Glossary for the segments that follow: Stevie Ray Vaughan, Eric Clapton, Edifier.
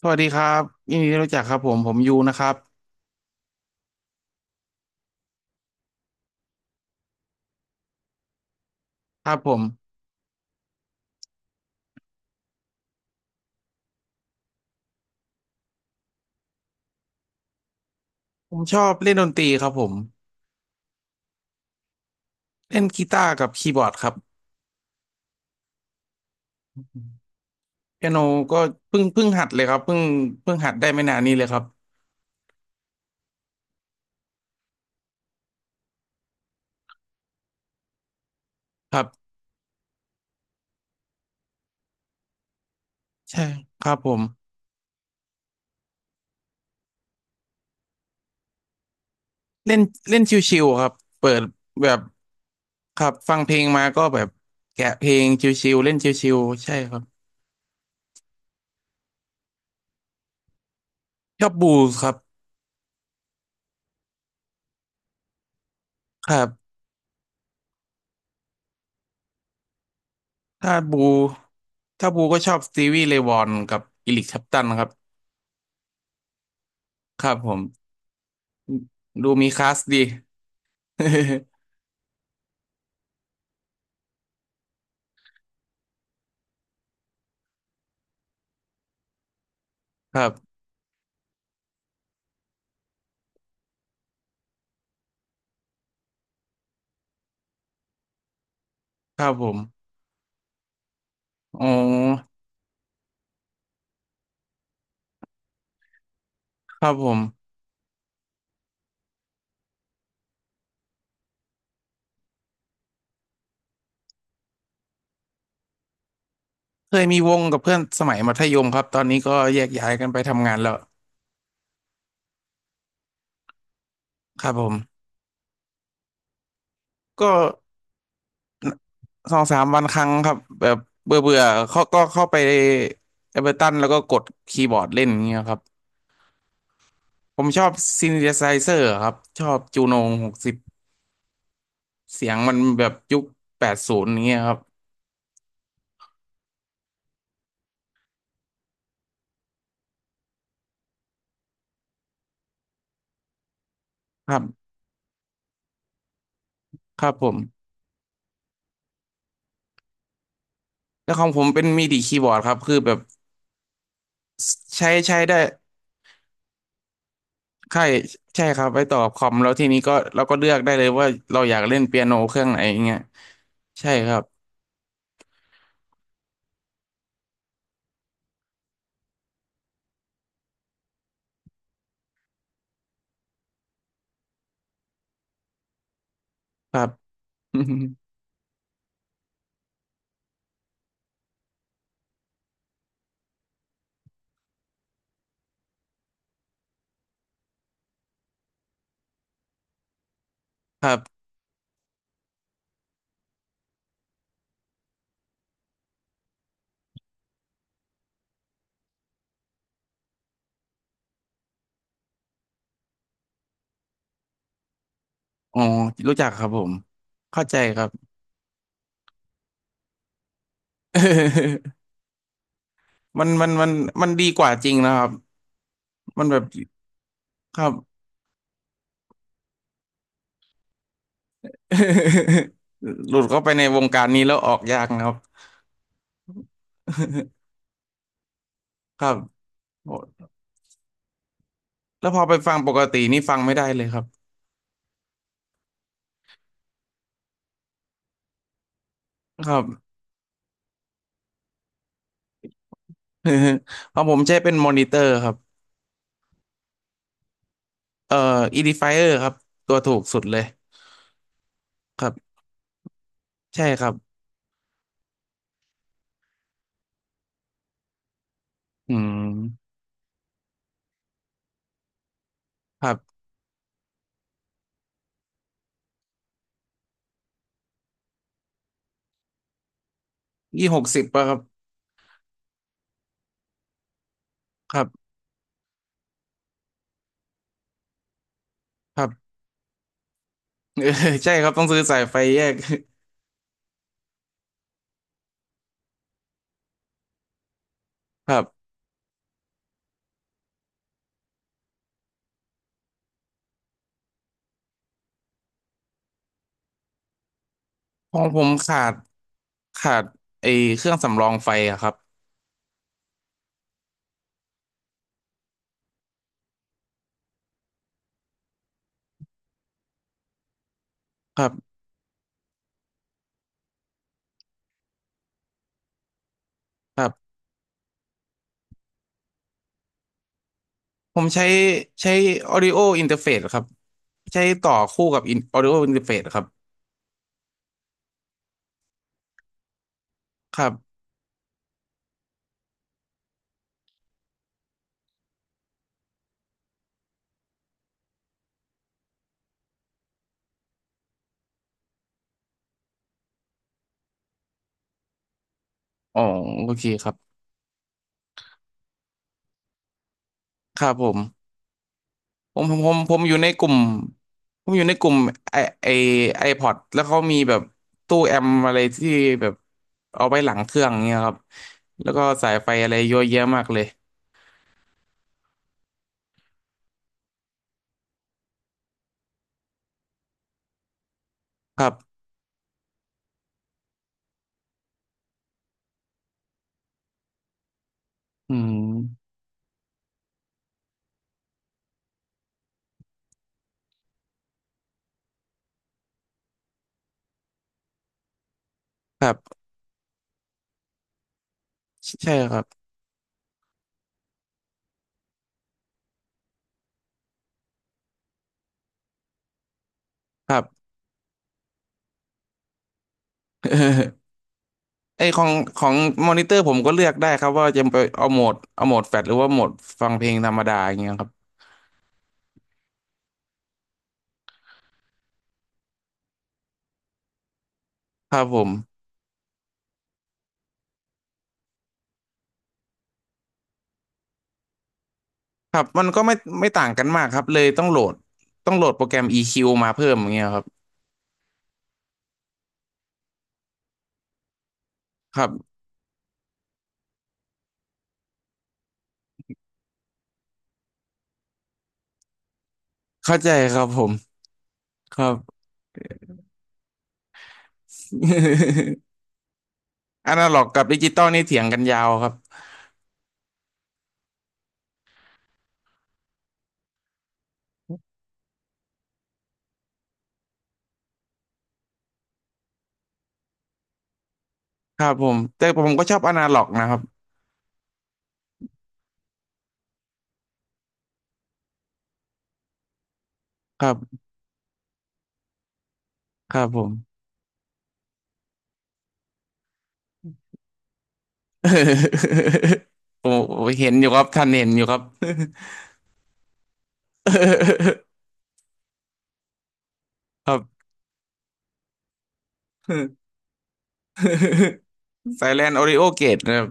สวัสดีครับยินดีที่รู้จักครับผมยูนะครับครับผมผมชอบเล่นดนตรีครับผมเล่นกีตาร์กับคีย์บอร์ดครับเปียโนก็เพิ่งหัดเลยครับเพิ่งหัดได้ไม่นานนี้เลยครับครับใช่ครับผมเล่นเล่นชิวๆครับเปิดแบบครับฟังเพลงมาก็แบบแกะเพลงชิวๆเล่นชิวๆใช่ครับชอบบูสครับครับถ้าบูถ้าบูก็ชอบสตีวีเรย์วอนกับอีริกแคลปตันครับครับผมดูมีคลาสดี ครับครับผมอ๋อครับผม เคยมีวงกับเพื่อนสมัยมัธยมครับ ตอนนี้ก็แยกย้ายกันไปทำงานแล้วครับผม ก็สองสามวันครั้งครับแบบเบื่อเบื่อเขาก็เข้าไปเอเบอร์ตันแล้วก็กดคีย์บอร์ดเล่นอย่างเงี้ยครับผมชอบซิน t h ไซเซอร์ครับ ชอบจูโน60เสียงมันแบบยุค80อย่างเงี้ยครับครับ ครับผม แล้วของผมเป็นมิดิคีย์บอร์ดครับคือแบบใช้ได้ ใช่ใช่ครับไว้ต่อกับคอมแล้วทีนี้ก็เราก็เลือกได้เลยว่าเราอยากเล่นเปียโนเครื่องไหนอย่างเงี้ยใช่ครับครับ ครับอ๋อรู้จักครับผมเข้าใจครับ มันมันดีกว่าจริงนะครับมันแบบครับ หลุดเข้าไปในวงการนี้แล้วออกยากนะครับ ครับโอ้แล้วพอไปฟังปกตินี่ฟังไม่ได้เลยครับครับ เพราะผมใช้เป็นมอนิเตอร์ครับเอ่อ Edifier ครับตัวถูกสุดเลยครับ ใช่ครับอืมครับ260ป่ะครับครับครับ เออใช่ครับต้องซื้อสายไฟแยก ครับของผมขาดไอเครื่องสำรองไฟอะครับครับครับผมใช้ Audio Interface ครับใช้ต่อคู่กับ in- Audio Interface ครับครับอ๋อโอเคครับครับผม ผมอยู่ในกลุ่มผมอยู่ในกลุ่มไอไอไอพอดแล้วเขามีแบบตู้แอมอะไรที่แบบเอาไว้หลังเครื่องเงี้ยครับแล้วก็สายไฟอะไรเยอะแยะมากเลยครับอืมครับใช่ครับครับ ไอของของมอนิเตอร์ผมก็เลือกได้ครับว่าจะไปเอาโหมดแฟลชหรือว่าโหมดฟังเพลงธรรมดาอย่างเงี้ยครับครับผมครับมันก็ไม่ต่างกันมากครับเลยต้องโหลดต้องโหลดโปรแกรม EQ มาเพิ่มอย่างเงี้ยครับครับเข้าใจครับผม ครับ อนาล็อกกับดิจิตอลนี่เถียงกันยาวครับครับผมแต่ผมก็ชอบอนาล็อกนะครับครับครับผม โอ้โหเห็นอยู่ครับท่านเห็นอยู่ครับ ครับ ไซแลนโอริโอเกตนะครับ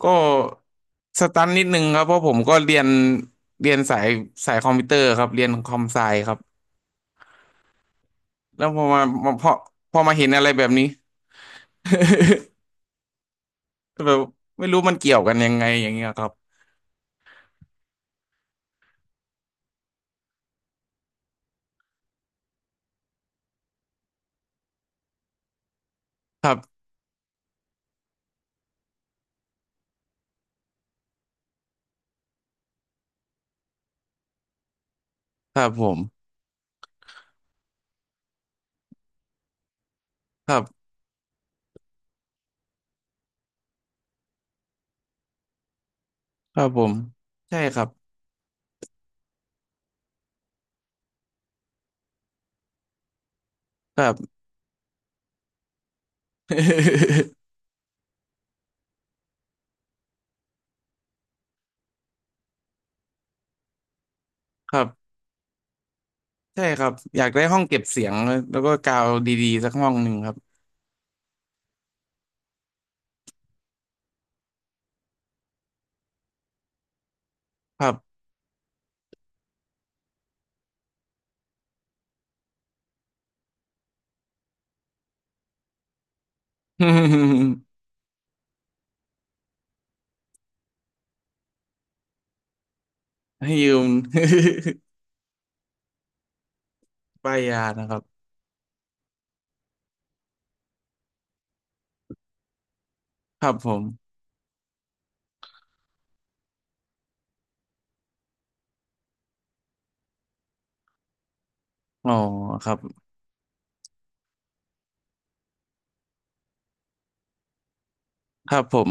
ก็สตันนิดนึงครับเพราะผมก็เรียนสายสายคอมพิวเตอร์ครับเรียนคอมไซครับแล้วพอพอมาเห็นอะไรแบบนี้ ก็แบบไม่รู้มันเกี่ยวกันยังไงอย่างเงี้ยครับครับผม ครับครับผมใช่ครับครับ ครับใช่ครับอยากได้ห้องเก็บเสียงแล้วก็กาวดีๆสักห้องหนึ่งครับครับ ให้ยืม ป้ายยานะครับครับผมอ๋อครับครับผม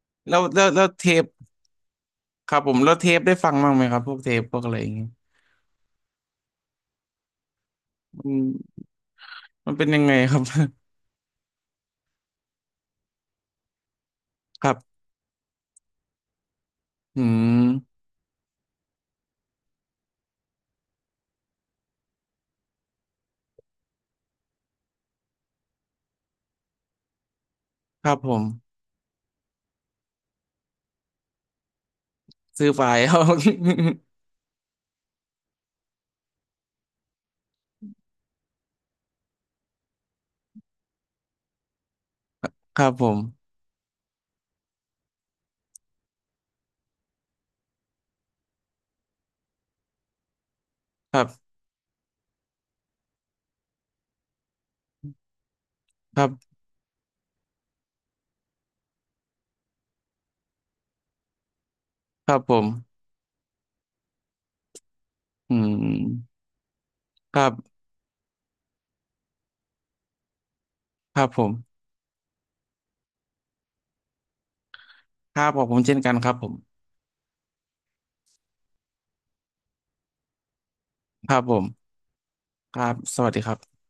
แล้วเทปครับผมแล้วเทปได้ฟังบ้างไหมครับพวกเทปพวกอะไรอย่างเงี้ยอืมมันเป็นยังไงครับ ครับอืมครับผมซื้อไฟล์ เอา ครับผมครับครับครับผม อืมครับครับผมครับขอบผมเช่นกันครับผมครับผมครับสวัสดีครับ